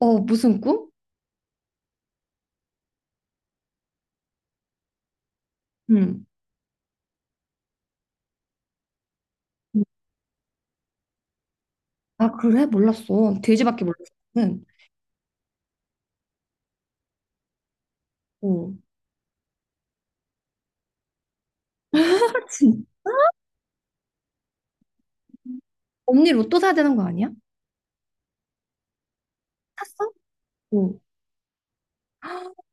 어, 무슨 꿈? 응. 음. 아, 그래? 몰랐어. 돼지밖에 몰랐어. 응. 어. 진- 언니 로또 사야 되는 거 아니야? 샀어? 어.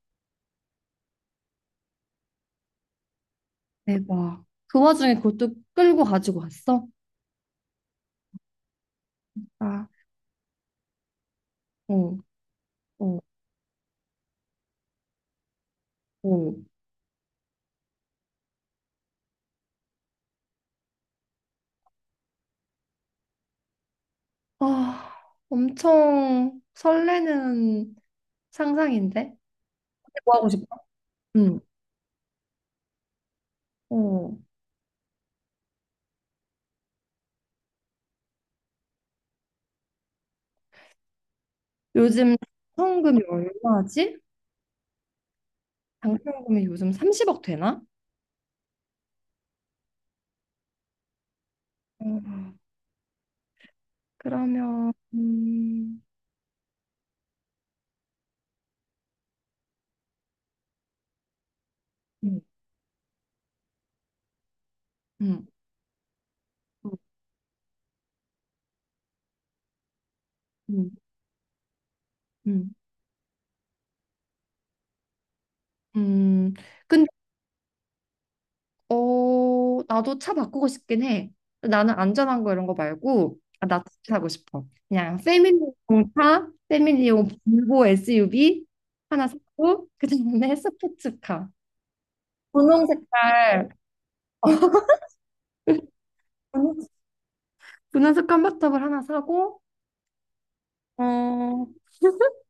대박. 그 와중에 그것도 끌고 가지고 왔어? 아, 어, 어, 어. 아, 엄청 설레는 상상인데? 뭐 하고 싶어? 응, 어. 요즘 당첨금이 얼마지? 당첨금이 요즘 30억 되나? 어, 그러면, 응, 응. 음, 음, 음. 근데, 어, 나도 차 바꾸고 싶긴 해. 나는 안전한 거 이런 거 말고, 아, 나 진짜 사고 싶어. 그냥 패밀리용 차, 패밀리용 볼보 SUV 하나 사고, 그 다음에 스포츠카. 분홍 색깔, 분홍 분홍 색 깜바탑을 하나 사고, 어,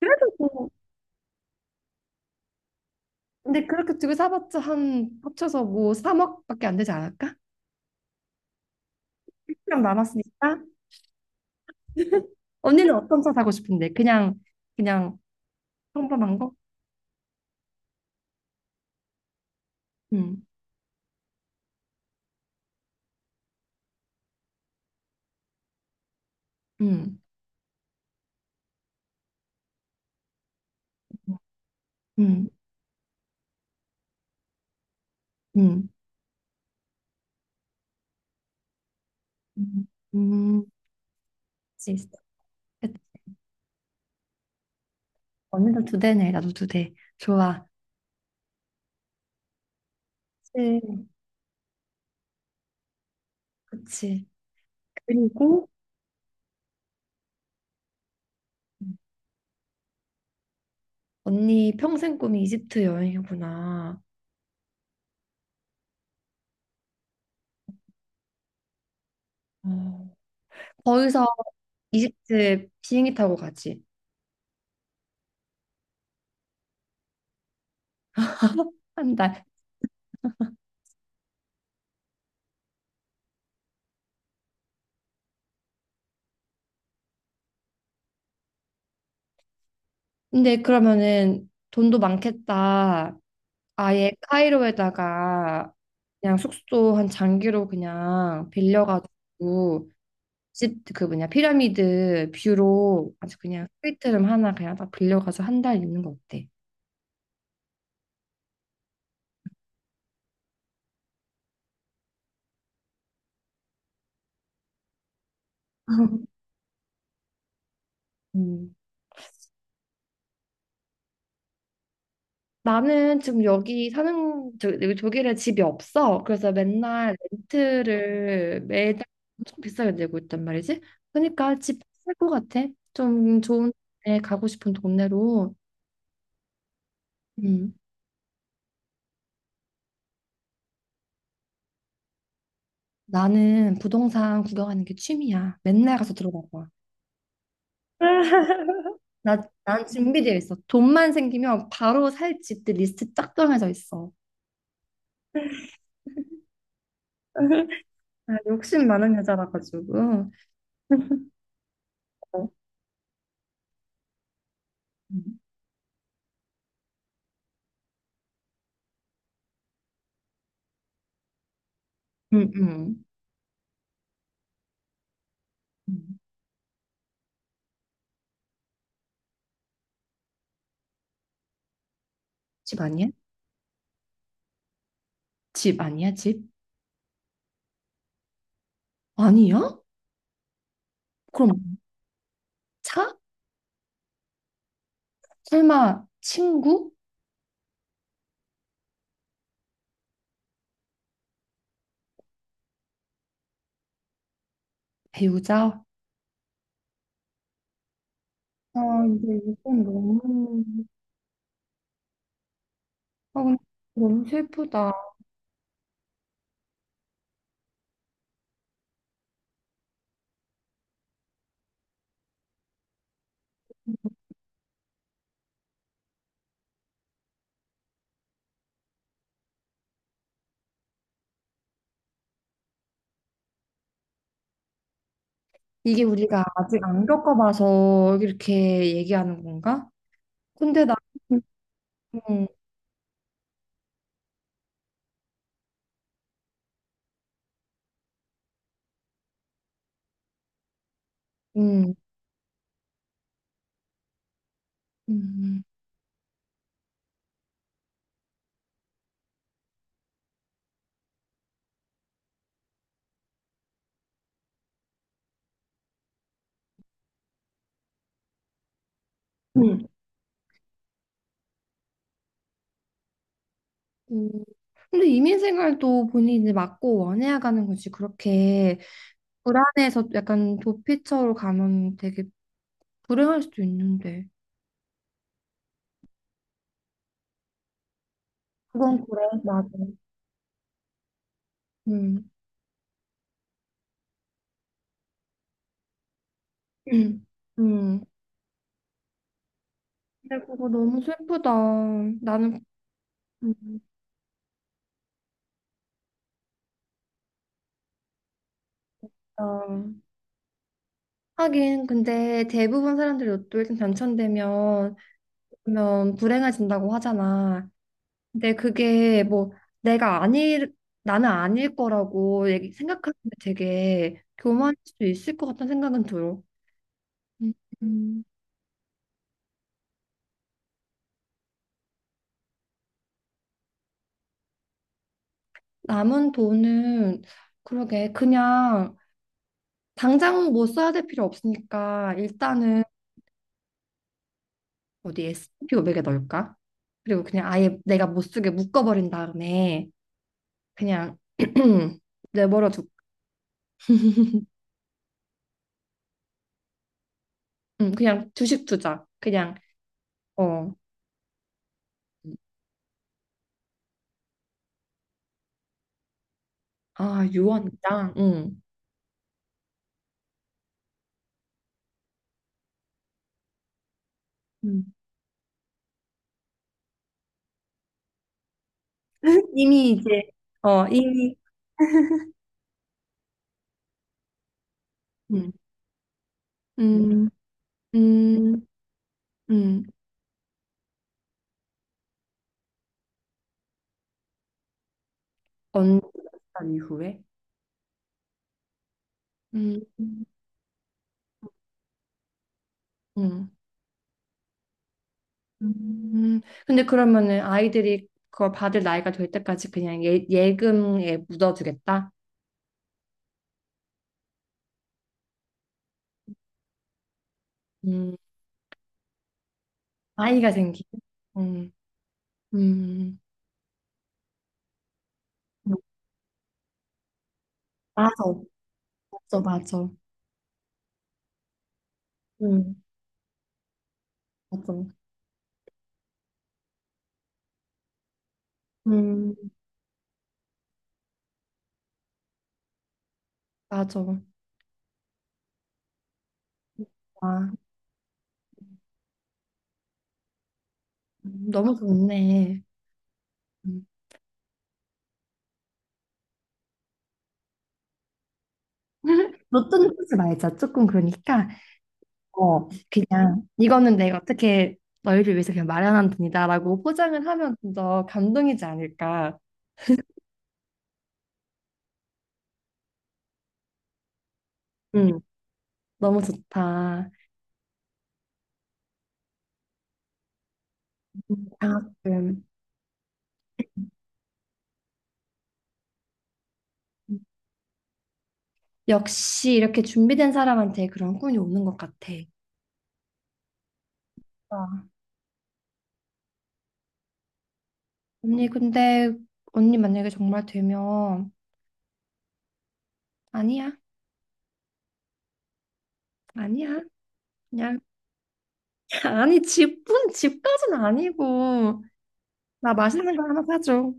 그래도 뭐, 근데 그렇게 두 개 사봤자 한 합쳐서 뭐 3억밖에 안 되지 않을까? 1억 남았으니까. 언니는 어떤 차 사고 싶은데? 그냥 평범한 거? 응, 응, 응, 응, 응, 응. 그치, 그치. 언니도 두 대네, 나도 두 대. 좋아. 그치, 그치. 그리고 언니 평생 꿈이 이집트 여행이구나. 어. 거기서 이집트 비행기 타고 가지. 한 달. 근데 그러면은 돈도 많겠다. 아예 카이로에다가 그냥 숙소 한 장기로 그냥 빌려가지고 집 그 뭐냐 피라미드 뷰로 아주 그냥 스위트룸 하나 그냥 딱 빌려가서 한 달 있는 거 어때? 음. 나는 지금 여기 사는 저, 여기 독일에 집이 없어. 그래서 맨날 렌트를 매달 엄청 비싸게 내고 있단 말이지. 그러니까 집 살 것 같아. 좀 좋은 데 가고 싶은 동네로. 음. 나는 부동산 구경하는 게 취미야. 맨날 가서 들어가 봐. 나, 난 준비되어 있어. 돈만 생기면 바로 살 집들 리스트 쫙 정해져 있어. 아, 욕심 많은 여자라 가지고. 어. 음, 음, 음. 음. 집 아니야? 집 아니야? 집? 아니야? 그럼 차? 설마 친구? 배우자? 아, 근데 이건 너무, 아, 근데 너무 슬프다. 이게 우리가 아직 안 겪어봐서 이렇게 얘기하는 건가? 근데 나, 음, 음, 음, 음, 음. 음. 근데 이민 생활도 본인이 이제 맞고 원해야 가는 거지. 그렇게 불안해서 약간 도피처로 가면 되게 불행할 수도 있는데. 그건 그래, 맞아. 음, 음, 음. 근데 그거 너무 슬프다. 나는 음. 어, 하긴 근데 대부분 사람들이 로또 1등 당첨되면 그러면 불행해진다고 하잖아. 근데 그게 뭐 내가 아닐 나는 아닐 거라고 생각하면 되게 교만할 수 있을 것 같다는 생각은 들어. 음, 음. 남은 돈은 그러게 그냥 당장 뭐 써야 될 필요 없으니까 일단은 어디 S&P 500에 넣을까? 그리고 그냥 아예 내가 못 쓰게 묶어버린 다음에 그냥 내버려 두 그냥 주식 투자 그냥 어 아 유언장 응 이미 이제 어 이미 음, 음, 음, 음, 언산 이후에 음, 음. 음. 근데 그러면은 아이들이 그걸 받을 나이가 될 때까지 그냥 예, 예금에 묻어두겠다. 음, 아이가 생기. 음, 음, 음, 맞아 맞아 맞아. 음, 맞아. 음 맞아. 와, 너무 좋네. 음. 로또는 하지 말자 조금 그러니까 어, 그냥 이거는 내가 어떻게 너희를 위해서 그냥 마련한 돈이다라고 포장을 하면 좀 더 감동이지 않을까. 음, 너무 좋다. 장학금. 역시 이렇게 준비된 사람한테 그런 꿈이 오는 것 같아. 아, 언니 근데 언니 만약에 정말 되면 아니야, 아니야. 그냥 아니 집은 집까지는 아니고 나 맛있는 거 하나 사줘.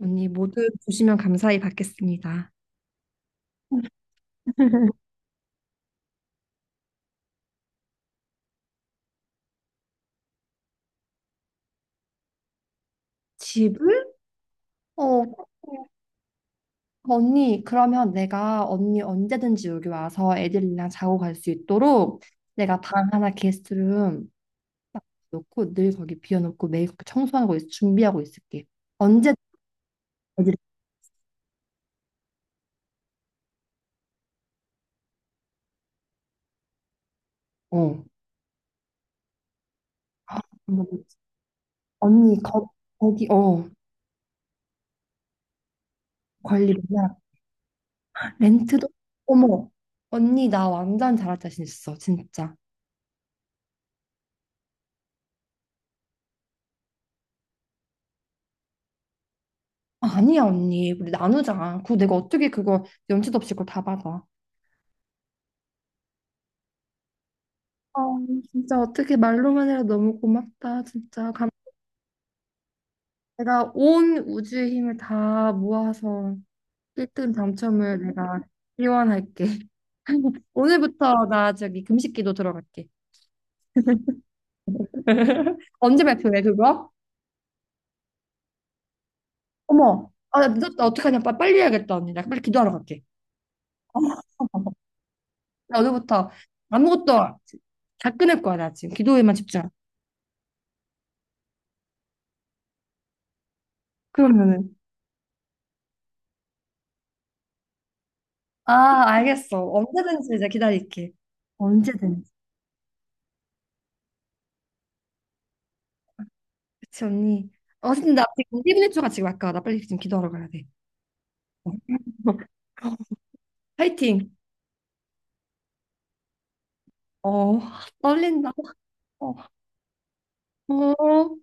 언니 모두 주시면 감사히 받겠습니다. 집을? 어, 언니, 그러면 내가 언니 언제든지 여기 와서 애들이랑 자고 갈 수 있도록 내가 방 하나 게스트룸 딱 놓고 늘 거기 비워놓고 매일 그렇게 청소하고 있, 준비하고 있을게. 언제 애들이 어 한번- 언니 거, 거기 어 관리 맨날 렌트도 어머 언니 나 완전 잘할 자신 있어 진짜. 아니야 언니 우리 나누자. 그 내가 어떻게 그거 염치도 없이 그걸 다 받아. 어, 진짜 어떻게 말로만 해도 너무 고맙다. 진짜 감 내가 온 우주의 힘을 다 모아서 1등 당첨을 내가 기원할게. 오늘부터 나 저기 금식기도 들어갈게. 언제 발표해 그거? 어머, 아, 나 늦었다. 어떡하냐. 빨리 해야겠다 언니. 나 빨리 기도하러 갈게. 나 오늘부터 아무것도 다 끊을 거야 나 지금 기도에만 집중. 그러면은 아 알겠어. 언제든지 이제 기다릴게. 언제든지. 그치 언니. 어, 근데 나 지금 1분 1초가 지금 아까 나 빨리 지금 기도하러 가야 돼. 어. 화이팅. 어, 떨린다. 어. 어.